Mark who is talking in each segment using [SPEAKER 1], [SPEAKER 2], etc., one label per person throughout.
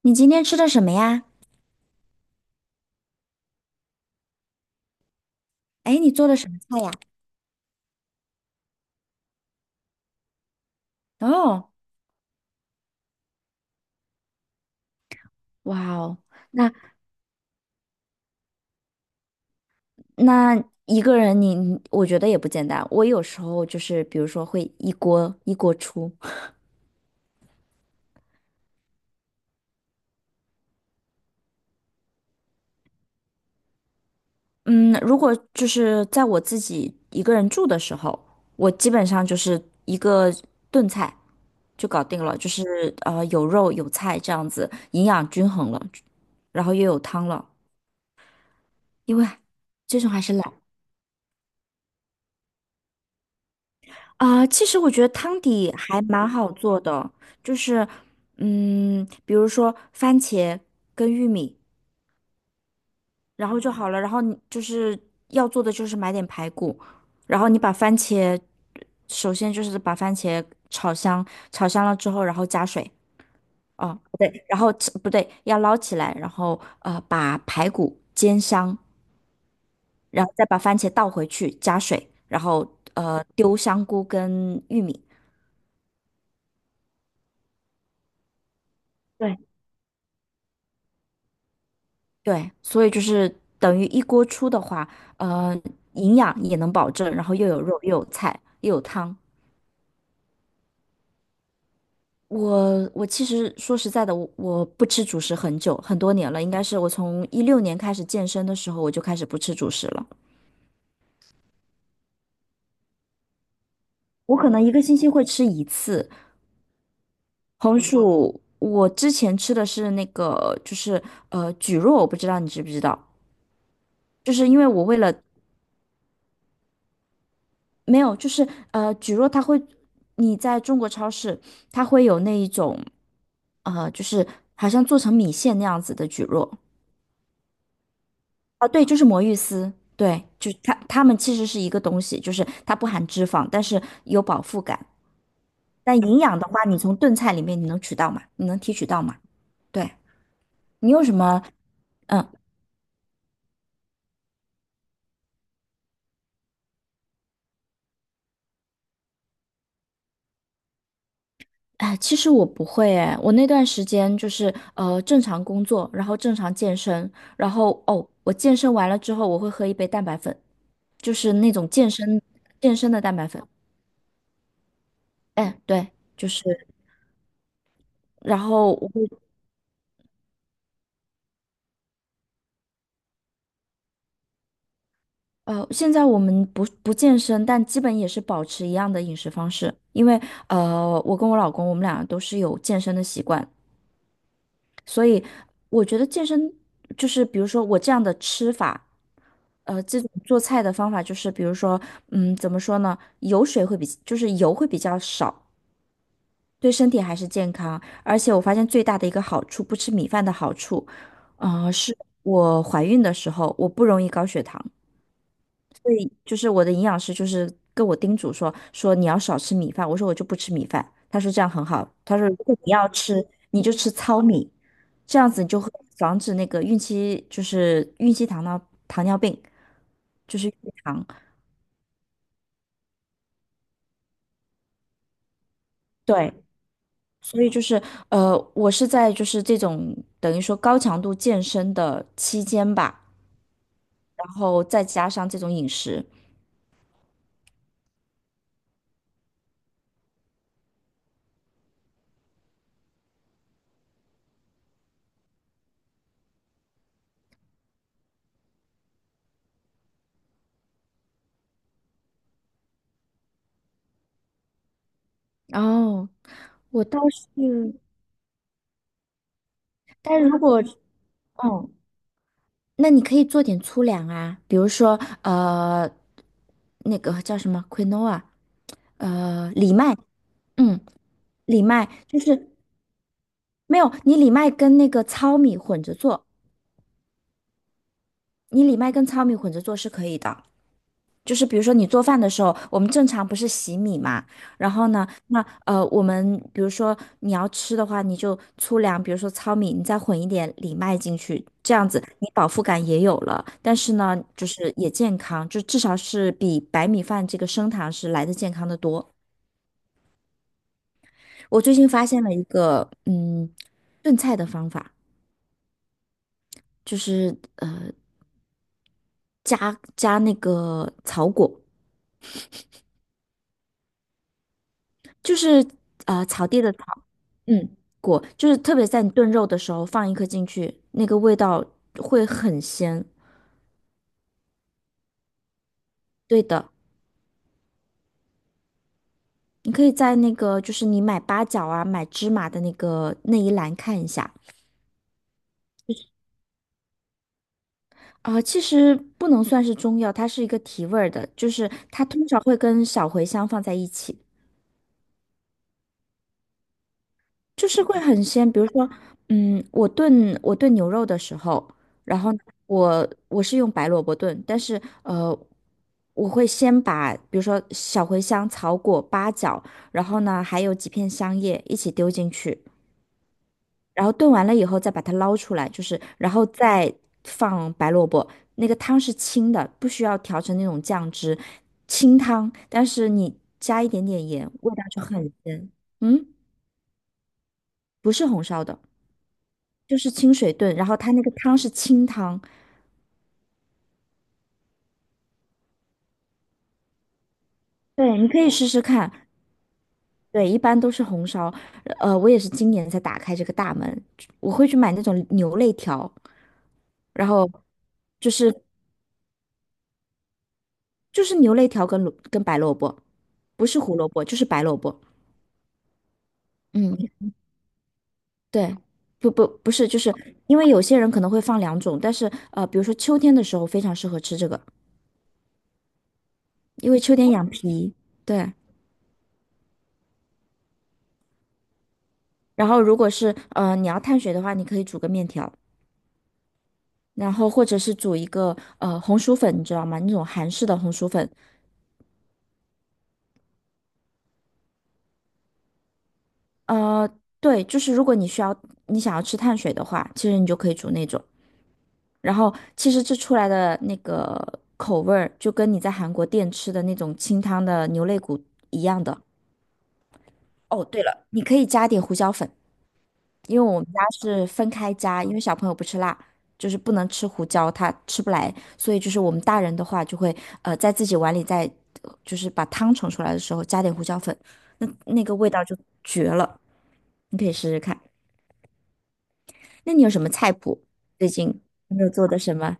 [SPEAKER 1] 你今天吃的什么呀？哎，你做的什么菜呀？哦。哇哦。那那一个人你我觉得也不简单。我有时候就是比如说会一锅一锅出。嗯，如果就是在我自己一个人住的时候，我基本上就是一个炖菜就搞定了，就是有肉有菜这样子，营养均衡了，然后又有汤了，因为这种还是懒。啊、其实我觉得汤底还蛮好做的，就是，比如说番茄跟玉米，然后就好了。然后你就是要做的就是买点排骨，然后你把番茄，首先就是把番茄炒香，炒香了之后，然后加水，哦，不对，然后不对，要捞起来，然后把排骨煎香，然后再把番茄倒回去，加水，然后丢香菇跟玉米。对。对，所以就是等于一锅出的话，呃，营养也能保证，然后又有肉，又有菜，又有汤。我其实说实在的，我不吃主食很久很多年了，应该是我从16年开始健身的时候，我就开始不吃主食了。我可能一个星期会吃一次红薯。我之前吃的是那个，就是蒟蒻，我不知道你知不知道，就是因为我为了没有，就是蒟蒻它会，你在中国超市，它会有那一种，就是好像做成米线那样子的蒟蒻啊，对，就是魔芋丝，对，就是它们其实是一个东西，就是它不含脂肪，但是有饱腹感。但营养的话，你从炖菜里面你能取到吗？你能提取到吗？对，你有什么？嗯。哎，其实我不会哎，我那段时间就是正常工作，然后正常健身，然后哦，我健身完了之后我会喝一杯蛋白粉。就是那种健身的蛋白粉。哎，对，就是，然后现在我们不健身，但基本也是保持一样的饮食方式，因为我跟我老公我们俩都是有健身的习惯，所以我觉得健身就是比如说我这样的吃法。这种做菜的方法就是，比如说，怎么说呢？油水会比，就是油会比较少，对身体还是健康，而且我发现最大的一个好处，不吃米饭的好处，啊，是我怀孕的时候我不容易高血糖，所以就是我的营养师就是跟我叮嘱说你要少吃米饭，我说我就不吃米饭，他说这样很好，他说如果你要吃你就吃糙米，这样子你就会防止那个孕期就是孕期糖尿病，就是孕糖，对，所以就是，我是在就是这种等于说高强度健身的期间吧，然后再加上这种饮食。哦，我倒是，但如果，那你可以做点粗粮啊，比如说，那个叫什么 quinoa，藜麦，嗯，藜麦就是没有，你藜麦跟那个糙米混着做，你藜麦跟糙米混着做是可以的。就是比如说你做饭的时候，我们正常不是洗米嘛，然后呢，那我们比如说你要吃的话，你就粗粮，比如说糙米，你再混一点藜麦进去，这样子你饱腹感也有了，但是呢，就是也健康，就至少是比白米饭这个升糖是来的健康的多。我最近发现了一个炖菜的方法，就是加那个草果。就是草地的草，嗯，果就是特别在你炖肉的时候放一颗进去，那个味道会很鲜。对的，你可以在那个就是你买八角啊、买芝麻的那个那一栏看一下。啊、其实不能算是中药，它是一个提味儿的，就是它通常会跟小茴香放在一起。就是会很鲜。比如说，我炖牛肉的时候，然后我是用白萝卜炖，但是我会先把比如说小茴香、草果、八角，然后呢还有几片香叶一起丢进去，然后炖完了以后再把它捞出来，就是然后再放白萝卜。那个汤是清的，不需要调成那种酱汁，清汤，但是你加一点点盐，味道就很鲜。嗯，不是红烧的。就是清水炖，然后它那个汤是清汤，对，你可以试试看。对，一般都是红烧，我也是今年才打开这个大门，我会去买那种牛肋条，然后就是就是牛肋条跟白萝卜，不是胡萝卜就是白萝卜。嗯，对，不不不是，就是因为有些人可能会放两种，但是比如说秋天的时候非常适合吃这个，因为秋天养脾。对，然后如果是你要碳水的话，你可以煮个面条。然后或者是煮一个红薯粉，你知道吗？那种韩式的红薯粉，呃，对，就是如果你想要吃碳水的话，其实你就可以煮那种。然后其实这出来的那个口味儿，就跟你在韩国店吃的那种清汤的牛肋骨一样的。哦，对了，你可以加点胡椒粉。因为我们家是分开加，因为小朋友不吃辣，就是不能吃胡椒，他吃不来，所以就是我们大人的话就会在自己碗里再就是把汤盛出来的时候加点胡椒粉，那个味道就绝了，你可以试试看。那你有什么菜谱？最近有没有做的什么？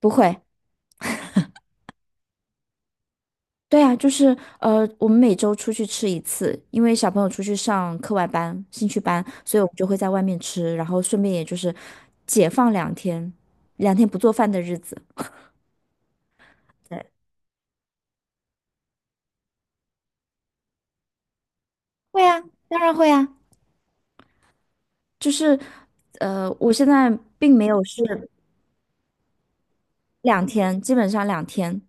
[SPEAKER 1] 不会。对啊，就是我们每周出去吃一次，因为小朋友出去上课外班、兴趣班，所以我们就会在外面吃，然后顺便也就是解放两天，两天不做饭的日子。对。会啊，当然会啊，就是，我现在并没有是两天，基本上两天，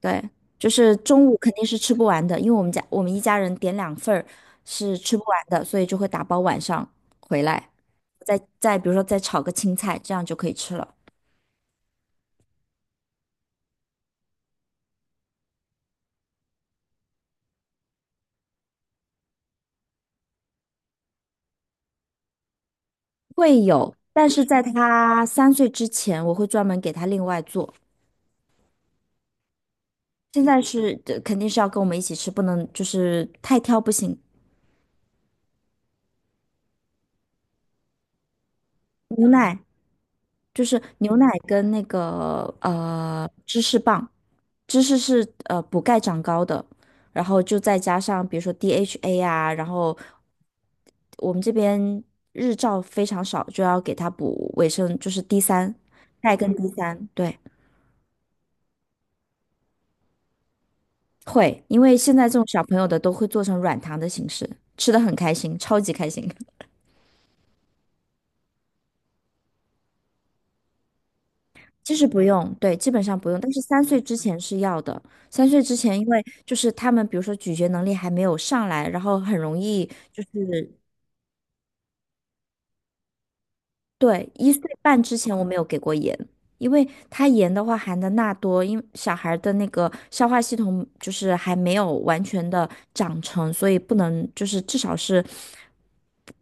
[SPEAKER 1] 对，就是中午肯定是吃不完的，因为我们一家人点两份儿是吃不完的，所以就会打包晚上回来，再比如说再炒个青菜，这样就可以吃了。会有，但是在他三岁之前，我会专门给他另外做。现在是，肯定是要跟我们一起吃，不能就是太挑不行。无奈。就是牛奶跟那个芝士棒，芝士是补钙长高的，然后就再加上比如说 DHA 啊，然后我们这边日照非常少，就要给它补维生，就是 D 三钙跟 D3，对，会，因为现在这种小朋友的都会做成软糖的形式，吃的很开心，超级开心。其实不用，对，基本上不用，但是三岁之前是要的。三岁之前，因为就是他们，比如说咀嚼能力还没有上来，然后很容易就是。对，一岁半之前我没有给过盐，因为它盐的话含的钠多，因为小孩的那个消化系统就是还没有完全的长成，所以不能就是至少是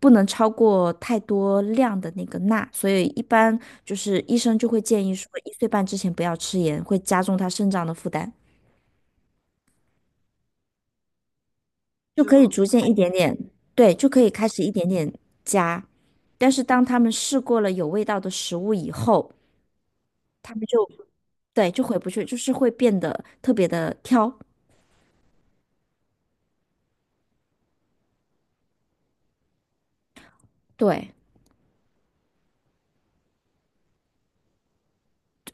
[SPEAKER 1] 不能超过太多量的那个钠，所以一般就是医生就会建议说一岁半之前不要吃盐，会加重他肾脏的负担。就是可以逐渐一点点，对，就可以开始一点点加。但是当他们试过了有味道的食物以后，对，就回不去，就是会变得特别的挑。对，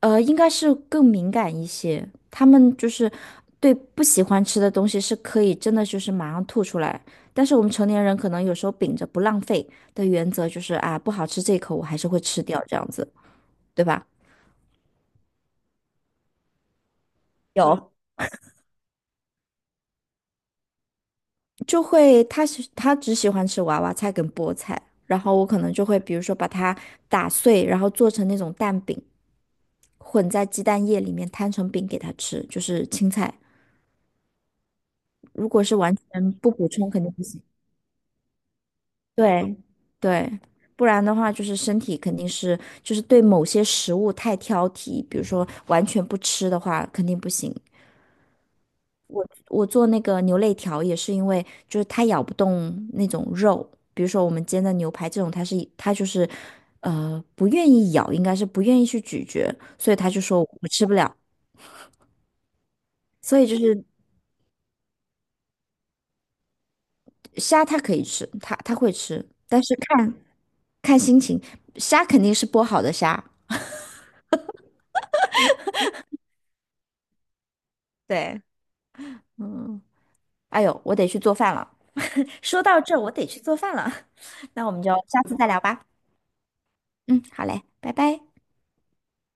[SPEAKER 1] 应该是更敏感一些。他们就是对不喜欢吃的东西是可以真的就是马上吐出来，但是我们成年人可能有时候秉着不浪费的原则，就是啊，不好吃这一口我还是会吃掉这样子，对吧？有，就会他只喜欢吃娃娃菜跟菠菜，然后我可能就会比如说把它打碎，然后做成那种蛋饼，混在鸡蛋液里面摊成饼给他吃，就是青菜。如果是完全不补充肯定不行，对对，不然的话就是身体肯定是就是对某些食物太挑剔，比如说完全不吃的话肯定不行。我做那个牛肋条也是因为，就是它咬不动那种肉，比如说我们煎的牛排这种，它就是，不愿意咬，应该是不愿意去咀嚼，所以他就说我吃不了。所以就是虾它可以吃，它会吃，但是看看心情，虾肯定是剥好的虾。对，嗯，哎呦，我得去做饭了。说到这儿，我得去做饭了。那我们就下次再聊吧。嗯，好嘞，拜拜。